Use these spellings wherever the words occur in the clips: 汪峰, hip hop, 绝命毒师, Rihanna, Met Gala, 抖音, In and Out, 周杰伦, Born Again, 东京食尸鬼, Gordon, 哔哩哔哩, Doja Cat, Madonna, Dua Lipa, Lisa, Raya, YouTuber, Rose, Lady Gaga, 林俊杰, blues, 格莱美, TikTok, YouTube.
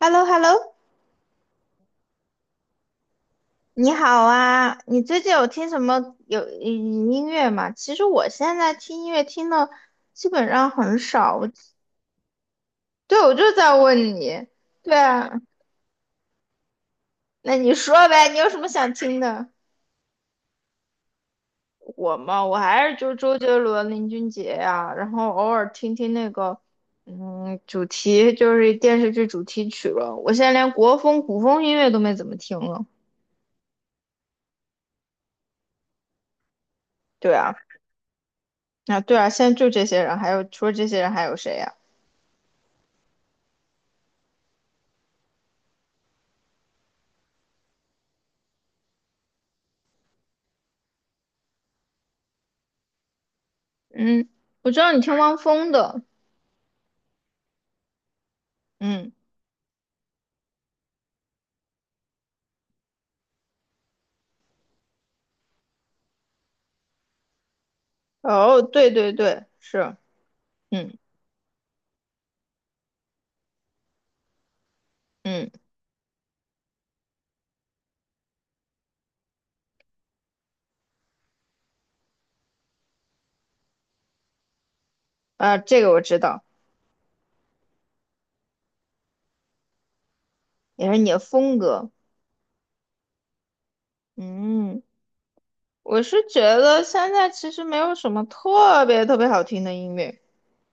Hello hello 你好啊！你最近有听什么音乐吗？其实我现在听音乐听的基本上很少。对，我就在问你。对啊，那你说呗，你有什么想听的？我嘛，我还是就周杰伦、林俊杰呀、然后偶尔听听那个，主题就是电视剧主题曲了。我现在连国风、古风音乐都没怎么听了。对啊，啊对啊，现在就这些人，还有除了这些人还有谁呀？嗯，我知道你听汪峰的，嗯，哦，对对对，是，嗯嗯，啊，这个我知道，也是你的风格，嗯，我是觉得现在其实没有什么特别特别好听的音乐，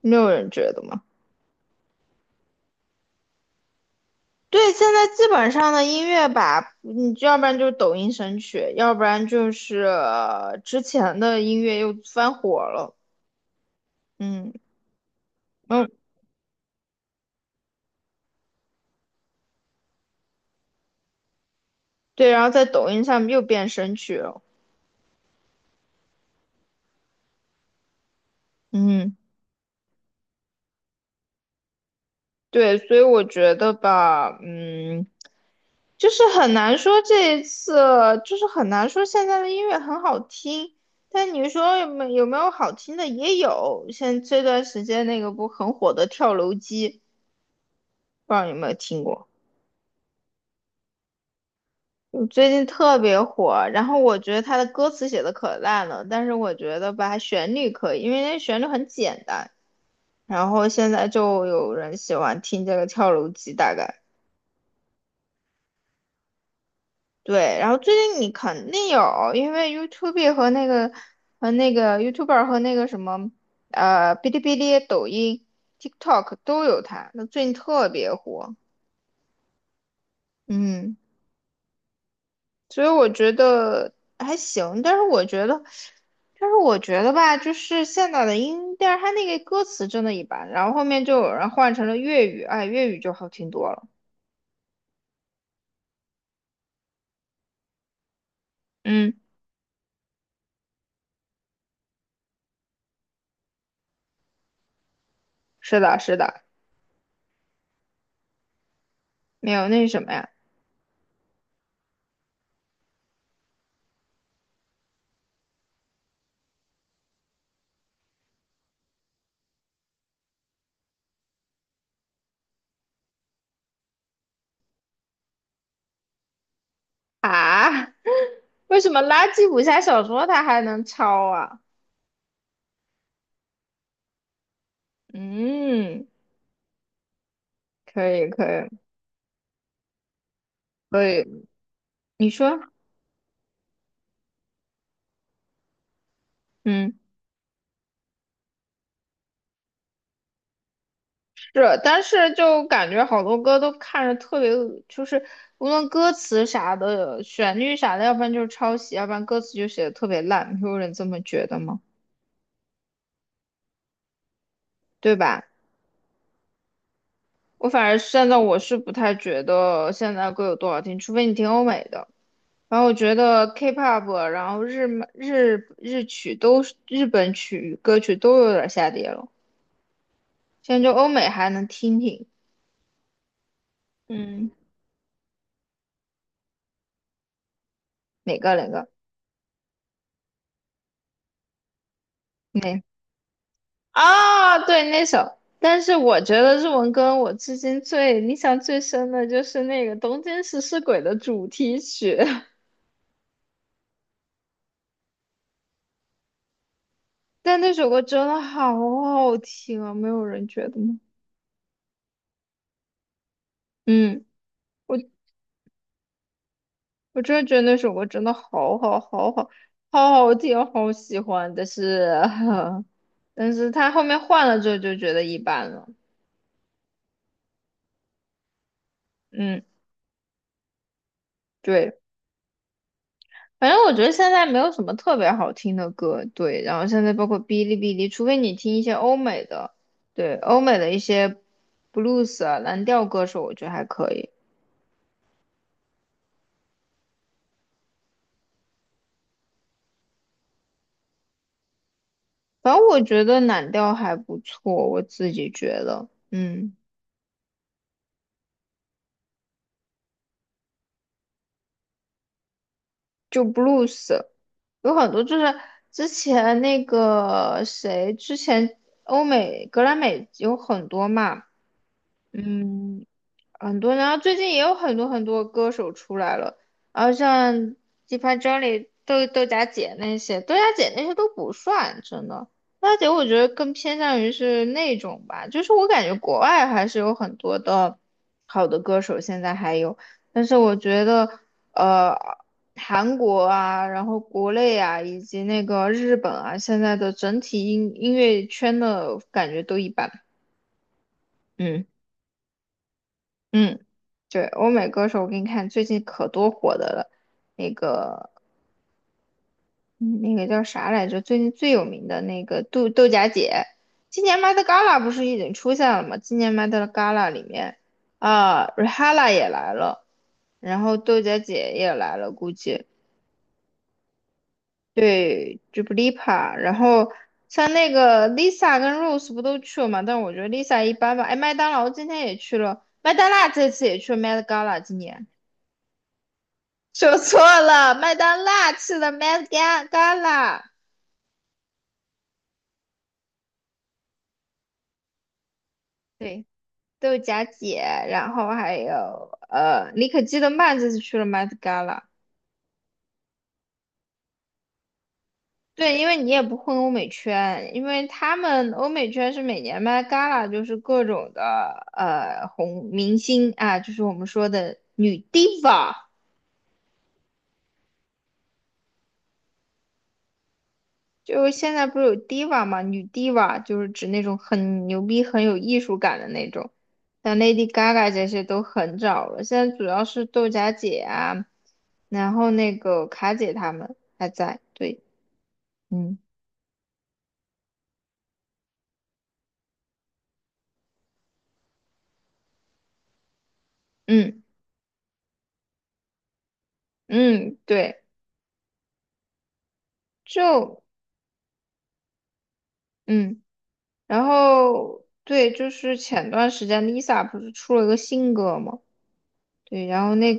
没有人觉得吗？对，现在基本上的音乐吧，你要不然就是抖音神曲，要不然就是之前的音乐又翻火了，嗯嗯，对，然后在抖音上面又变神曲了，嗯。对，所以我觉得吧，就是很难说这一次，就是很难说现在的音乐很好听，但你说有没有没有好听的也有，像这段时间那个不很火的跳楼机，不知道你有没有听过？嗯最近特别火，然后我觉得他的歌词写的可烂了，但是我觉得吧，它旋律可以，因为那旋律很简单，然后现在就有人喜欢听这个跳楼机，大概。对，然后最近你肯定有，因为 YouTube 和那个YouTuber 和那个什么哔哩哔哩、抖音、TikTok 都有他，那最近特别火。嗯，所以我觉得还行，但是我觉得，但是我觉得吧，就是现在的音调，它那个歌词真的一般，然后后面就有人换成了粤语，哎，粤语就好听多了。嗯，是的，是的，没有那什么呀啊。为什么垃圾武侠小说它还能抄啊？嗯，可以可以可以，你说，嗯，是，但是就感觉好多歌都看着特别恶就是无论歌词啥的、旋律啥的，要不然就是抄袭，要不然歌词就写的特别烂，你会有人这么觉得吗？对吧？我反而现在我是不太觉得现在歌有多好听，除非你听欧美的。然后我觉得 K-pop，然后日日日曲都是日本曲歌曲都有点下跌了。现在就欧美还能听听，嗯，哪个哪个哪啊？对，那首。但是我觉得日文歌我至今最印象最深的就是那个《东京食尸鬼》的主题曲，但那首歌真的好好听啊！没有人觉得吗？嗯，我我真的觉得那首歌真的好好好好好好听，好喜欢。但是，但是他后面换了之后就觉得一般了。嗯，对。反正我觉得现在没有什么特别好听的歌，对。然后现在包括哔哩哔哩，除非你听一些欧美的，对，欧美的一些 blues 啊、蓝调歌手，我觉得还可以。反正我觉得蓝调还不错，我自己觉得，嗯，就 blues 有很多就是之前那个谁，之前欧美格莱美有很多嘛，嗯，很多然后最近也有很多很多歌手出来了，然后像 Deep Jelly、豆荚姐那些，豆荚姐那些都不算，真的。豆荚姐我觉得更偏向于是那种吧，就是我感觉国外还是有很多的好的歌手，现在还有，但是我觉得呃，韩国啊，然后国内啊，以及那个日本啊，现在的整体音乐圈的感觉都一般，嗯。嗯，对，欧美歌手，我给你看，最近可多火的了，那个嗯那个叫啥来着？最近最有名的那个豆荚姐，今年 Met Gala 不是已经出现了吗？今年 Met Gala 里面啊 Rihana 也来了，然后豆荚姐也来了，估计对 Duplipa 然后像那个 Lisa 跟 Rose 不都去了嘛？但我觉得 Lisa 一般吧。哎，麦当劳今天也去了，麦当娜这次也去了 Met Gala 今年。说错了，麦当娜去了麦当当啦，对，豆荚姐，然后还有李可基德曼这次去了麦当 a 对，因为你也不混欧美圈，因为他们欧美圈是每年 Met gala 就是各种的红明星啊，就是我们说的女 diva。就是现在不是有 diva 嘛，女 diva 就是指那种很牛逼、很有艺术感的那种，像 Lady Gaga 这些都很早了。现在主要是豆荚姐啊，然后那个卡姐她们还在。对，嗯嗯嗯，对，就嗯，然后对，就是前段时间 Lisa 不是出了一个新歌嘛？对，然后那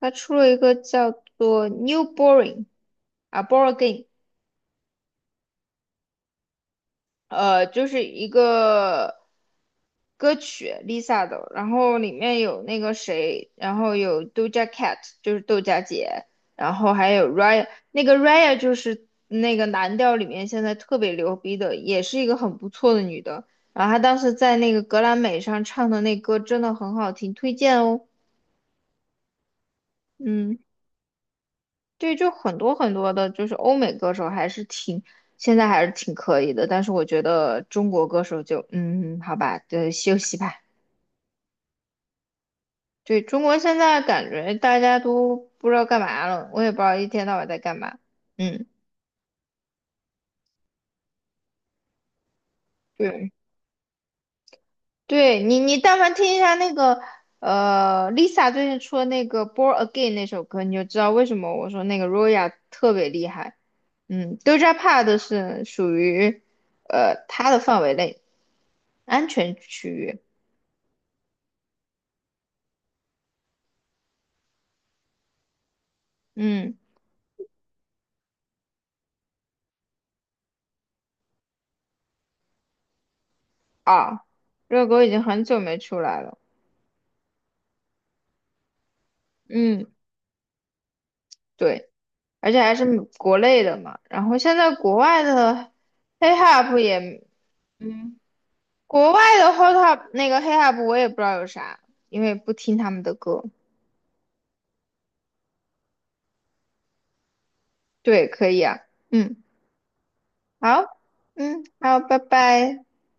她出了一个叫做《New Boring》啊，《Boring》。就是一个歌曲 Lisa 的，然后里面有那个谁，然后有 Doja Cat，就是豆荚姐，然后还有 Raya，那个 Raya 就是那个蓝调里面现在特别牛逼的，也是一个很不错的女的。然后她当时在那个格莱美上唱的那歌真的很好听，推荐哦。嗯。对，就很多很多的，就是欧美歌手还是挺，现在还是挺可以的，但是我觉得中国歌手就，好吧，对，休息吧。对，中国现在感觉大家都不知道干嘛了，我也不知道一天到晚在干嘛。嗯，对，对你但凡听一下那个，Lisa 最近出的那个《Born Again》那首歌，你就知道为什么我说那个 Roya 特别厉害。嗯，Doja Cat 是属于，她的范围内，安全区域。嗯啊，热狗已经很久没出来了。嗯，对，而且还是美国内的嘛。然后现在国外的 hip hop 也，嗯，国外的 h o t hop 那个 hip hop 我也不知道有啥，因为不听他们的歌。对，可以啊。嗯，好，嗯，好，拜拜。